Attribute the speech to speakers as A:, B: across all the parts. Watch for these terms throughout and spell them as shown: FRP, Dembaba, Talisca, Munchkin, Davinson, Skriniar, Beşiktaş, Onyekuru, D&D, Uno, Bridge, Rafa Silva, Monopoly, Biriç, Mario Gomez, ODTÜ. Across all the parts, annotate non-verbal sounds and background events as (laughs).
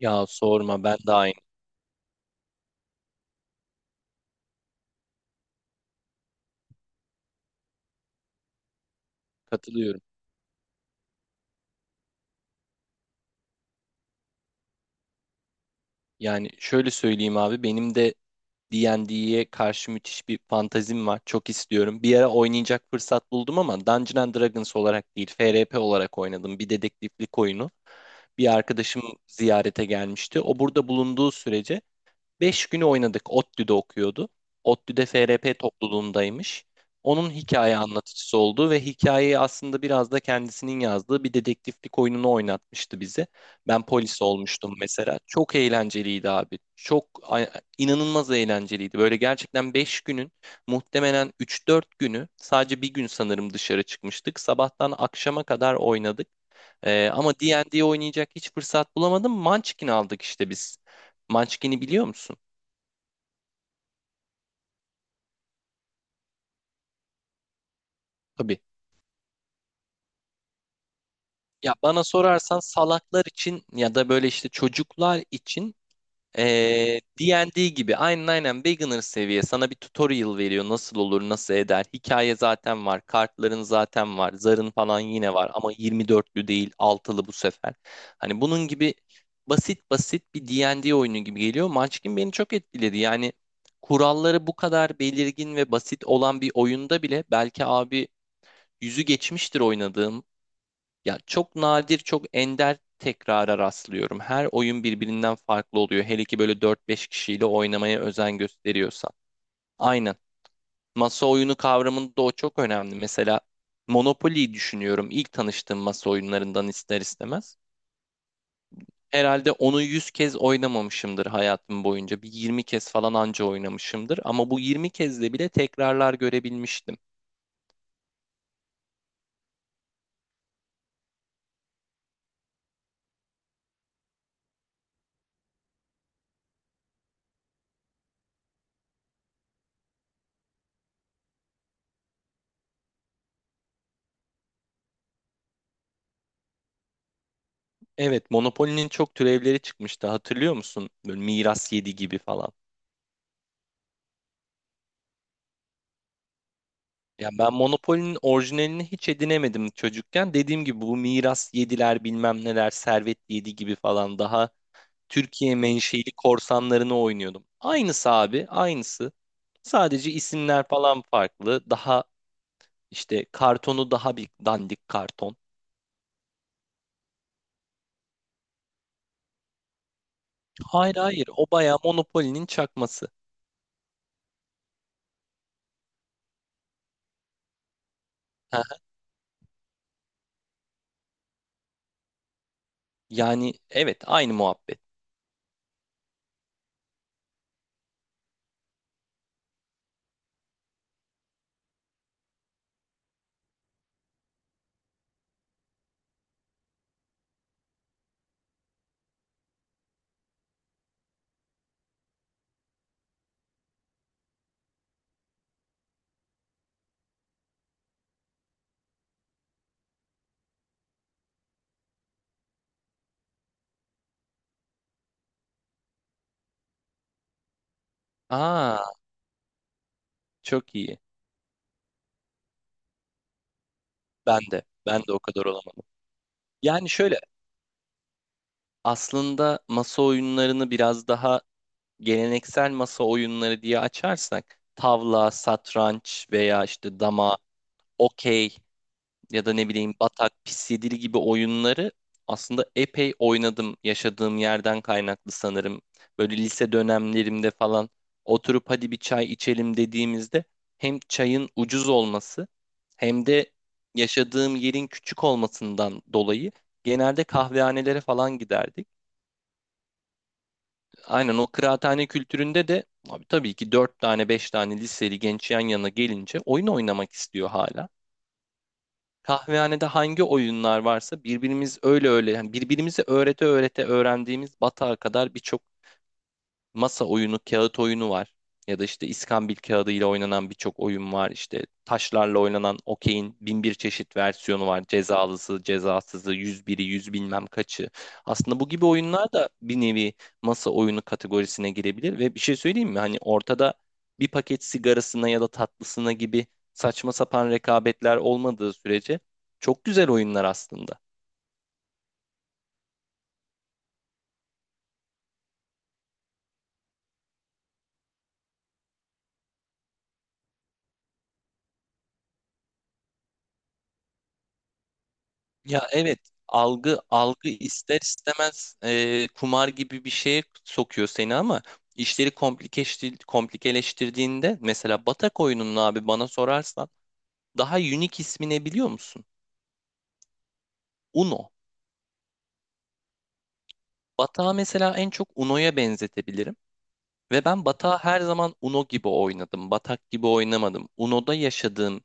A: Ya sorma ben de aynı. Katılıyorum. Yani şöyle söyleyeyim abi benim de D&D'ye karşı müthiş bir fantazim var. Çok istiyorum. Bir ara oynayacak fırsat buldum ama Dungeons and Dragons olarak değil, FRP olarak oynadım. Bir dedektiflik oyunu. Bir arkadaşım ziyarete gelmişti. O burada bulunduğu sürece 5 günü oynadık. ODTÜ'de okuyordu. ODTÜ'de FRP topluluğundaymış. Onun hikaye anlatıcısı olduğu ve hikayeyi aslında biraz da kendisinin yazdığı bir dedektiflik oyununu oynatmıştı bize. Ben polis olmuştum mesela. Çok eğlenceliydi abi. İnanılmaz eğlenceliydi. Böyle gerçekten 5 günün muhtemelen üç dört günü, sadece bir gün sanırım dışarı çıkmıştık. Sabahtan akşama kadar oynadık. Ama D&D oynayacak hiç fırsat bulamadım. Munchkin aldık işte biz. Munchkin'i biliyor musun? Tabii. Ya bana sorarsan salaklar için ya da böyle işte çocuklar için D&D gibi, aynen aynen beginner seviye. Sana bir tutorial veriyor, nasıl olur nasıl eder. Hikaye zaten var, kartların zaten var, zarın falan yine var ama 24'lü değil, 6'lı bu sefer, hani bunun gibi. Basit basit bir D&D oyunu gibi geliyor. Munchkin beni çok etkiledi yani. Kuralları bu kadar belirgin ve basit olan bir oyunda bile belki abi yüzü geçmiştir oynadığım. Ya çok nadir, çok ender tekrara rastlıyorum. Her oyun birbirinden farklı oluyor. Hele ki böyle dört beş kişiyle oynamaya özen gösteriyorsan. Aynen. Masa oyunu kavramında o çok önemli. Mesela Monopoly'yi düşünüyorum. İlk tanıştığım masa oyunlarından ister istemez. Herhalde onu 100 kez oynamamışımdır hayatım boyunca. Bir 20 kez falan anca oynamışımdır. Ama bu 20 kezde bile tekrarlar görebilmiştim. Evet, Monopoly'nin çok türevleri çıkmıştı. Hatırlıyor musun? Böyle Miras 7 gibi falan. Ya ben Monopoly'nin orijinalini hiç edinemedim çocukken. Dediğim gibi bu miras yediler, bilmem neler, servet yedi gibi falan, daha Türkiye menşeli korsanlarını oynuyordum. Aynısı abi, aynısı. Sadece isimler falan farklı. Daha işte kartonu daha bir dandik karton. Hayır hayır, o bayağı Monopoly'nin çakması. Hı hı. Yani evet, aynı muhabbet. Aa çok iyi. Ben de ben de o kadar olamadım. Yani şöyle, aslında masa oyunlarını biraz daha geleneksel masa oyunları diye açarsak tavla, satranç veya işte dama, okey ya da ne bileyim batak, pis yedili gibi oyunları aslında epey oynadım, yaşadığım yerden kaynaklı sanırım. Böyle lise dönemlerimde falan oturup hadi bir çay içelim dediğimizde, hem çayın ucuz olması hem de yaşadığım yerin küçük olmasından dolayı genelde kahvehanelere falan giderdik. Aynen o kıraathane kültüründe de abi tabii ki 4 tane 5 tane liseli genç yan yana gelince oyun oynamak istiyor hala. Kahvehanede hangi oyunlar varsa birbirimiz öyle öyle, yani birbirimizi öğrete öğrete öğrendiğimiz batağa kadar birçok masa oyunu, kağıt oyunu var. Ya da işte iskambil kağıdıyla oynanan birçok oyun var. İşte taşlarla oynanan okeyin bin bir çeşit versiyonu var. Cezalısı, cezasızı, 101'i, yüz bilmem kaçı. Aslında bu gibi oyunlar da bir nevi masa oyunu kategorisine girebilir. Ve bir şey söyleyeyim mi? Hani ortada bir paket sigarasına ya da tatlısına gibi saçma sapan rekabetler olmadığı sürece çok güzel oyunlar aslında. Ya evet, algı algı ister istemez kumar gibi bir şeye sokuyor seni, ama işleri komplikeleştirdiğinde mesela batak oyununun, abi bana sorarsan, daha unique ismi ne biliyor musun? Uno. Batağı mesela en çok Uno'ya benzetebilirim. Ve ben batağı her zaman Uno gibi oynadım. Batak gibi oynamadım. Uno'da yaşadığım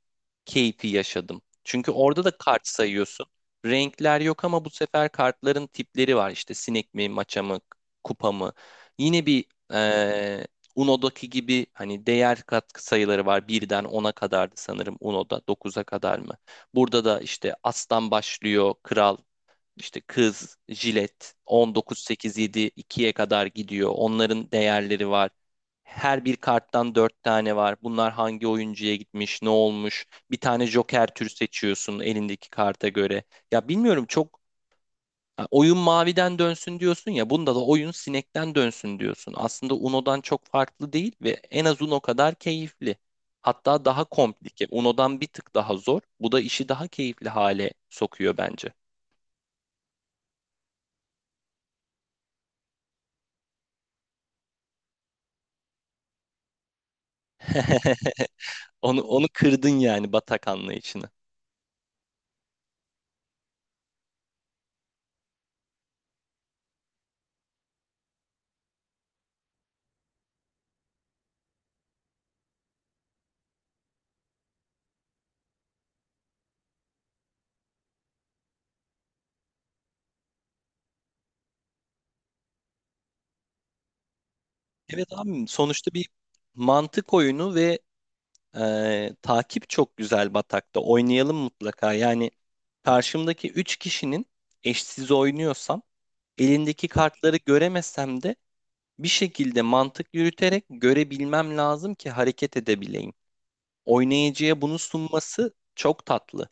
A: keyfi yaşadım. Çünkü orada da kart sayıyorsun. Renkler yok ama bu sefer kartların tipleri var. İşte sinek mi, maça mı, kupa mı? Yine bir eee Uno'daki gibi hani değer katkı sayıları var. Birden 10'a kadardı sanırım Uno'da. Dokuza kadar mı? Burada da işte aslan başlıyor, kral, işte kız, jilet 19.87 ikiye kadar gidiyor. Onların değerleri var. Her bir karttan dört tane var. Bunlar hangi oyuncuya gitmiş, ne olmuş? Bir tane joker tür seçiyorsun elindeki karta göre. Ya bilmiyorum, çok ha, oyun maviden dönsün diyorsun ya. Bunda da oyun sinekten dönsün diyorsun. Aslında Uno'dan çok farklı değil ve en az Uno kadar keyifli. Hatta daha komplike. Uno'dan bir tık daha zor. Bu da işi daha keyifli hale sokuyor bence. (laughs) Onu kırdın yani, batak anlayışını. Evet abim, sonuçta bir mantık oyunu ve takip çok güzel batakta. Oynayalım mutlaka. Yani karşımdaki 3 kişinin, eşsiz oynuyorsam elindeki kartları göremesem de, bir şekilde mantık yürüterek görebilmem lazım ki hareket edebileyim. Oynayıcıya bunu sunması çok tatlı.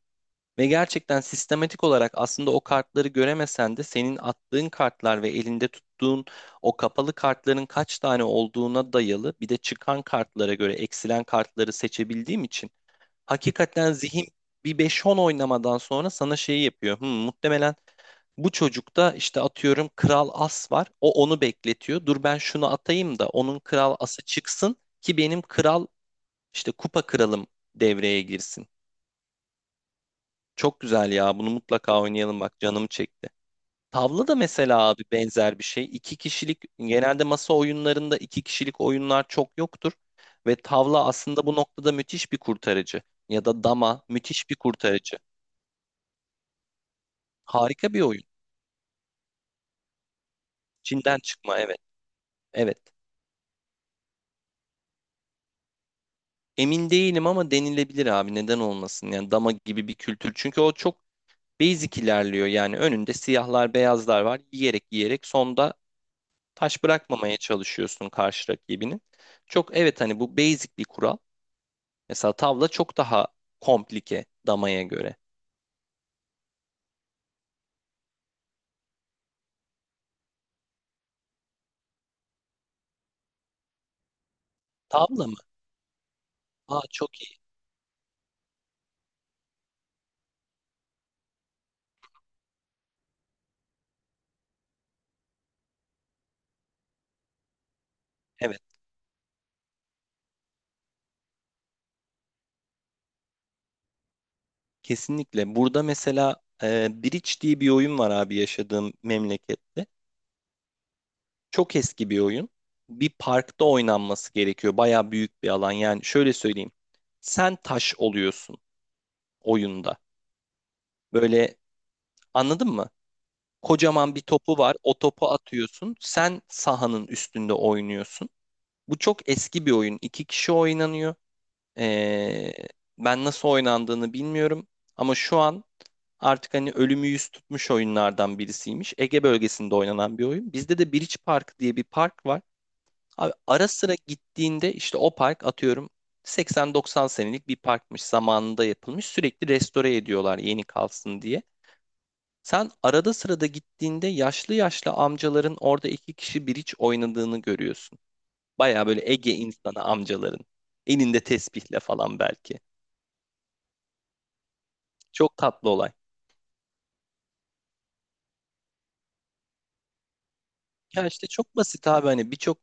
A: Ve gerçekten sistematik olarak, aslında o kartları göremesen de, senin attığın kartlar ve elinde tuttuğun o kapalı kartların kaç tane olduğuna dayalı, bir de çıkan kartlara göre eksilen kartları seçebildiğim için, hakikaten zihin bir beş on oynamadan sonra sana şeyi yapıyor. Muhtemelen bu çocukta işte atıyorum kral as var. O onu bekletiyor. Dur ben şunu atayım da onun kral ası çıksın ki benim kral, işte kupa kralım, devreye girsin. Çok güzel ya. Bunu mutlaka oynayalım, bak canım çekti. Tavla da mesela abi benzer bir şey. İki kişilik, genelde masa oyunlarında iki kişilik oyunlar çok yoktur. Ve tavla aslında bu noktada müthiş bir kurtarıcı. Ya da dama, müthiş bir kurtarıcı. Harika bir oyun. Çin'den çıkma, evet. Evet. Emin değilim ama denilebilir abi, neden olmasın. Yani dama gibi bir kültür. Çünkü o çok basic ilerliyor. Yani önünde siyahlar beyazlar var. Yiyerek yiyerek sonda taş bırakmamaya çalışıyorsun karşı rakibinin. Çok, evet, hani bu basic bir kural. Mesela tavla çok daha komplike damaya göre. Tavla mı? Aa çok iyi. Evet, kesinlikle. Burada mesela Bridge diye bir oyun var abi, yaşadığım memlekette. Çok eski bir oyun. Bir parkta oynanması gerekiyor. Baya büyük bir alan. Yani şöyle söyleyeyim. Sen taş oluyorsun oyunda. Böyle, anladın mı? Kocaman bir topu var. O topu atıyorsun. Sen sahanın üstünde oynuyorsun. Bu çok eski bir oyun. İki kişi oynanıyor. Ee, ben nasıl oynandığını bilmiyorum. Ama şu an artık hani ölümü yüz tutmuş oyunlardan birisiymiş. Ege bölgesinde oynanan bir oyun. Bizde de Biriç Park diye bir park var. Abi ara sıra gittiğinde, işte o park atıyorum 80-90 senelik bir parkmış. Zamanında yapılmış. Sürekli restore ediyorlar yeni kalsın diye. Sen arada sırada gittiğinde yaşlı yaşlı amcaların orada iki kişi Biriç oynadığını görüyorsun. Baya böyle Ege insanı amcaların. Elinde tesbihle falan belki. Çok tatlı olay. Ya işte çok basit abi, hani birçok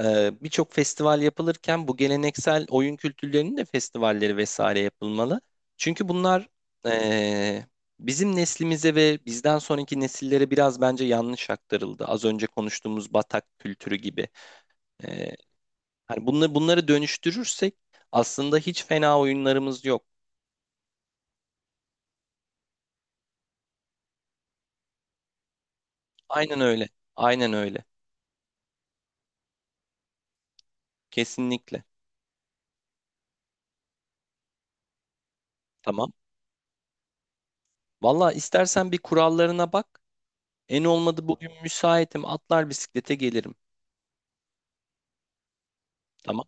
A: birçok festival yapılırken bu geleneksel oyun kültürlerinin de festivalleri vesaire yapılmalı. Çünkü bunlar e, bizim neslimize ve bizden sonraki nesillere biraz bence yanlış aktarıldı. Az önce konuştuğumuz Batak kültürü gibi. E, hani bunları dönüştürürsek aslında hiç fena oyunlarımız yok. Aynen öyle. Aynen öyle. Kesinlikle. Tamam. Valla istersen bir kurallarına bak. En olmadı bugün müsaitim, atlar bisiklete gelirim. Tamam.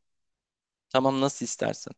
A: Tamam, nasıl istersen.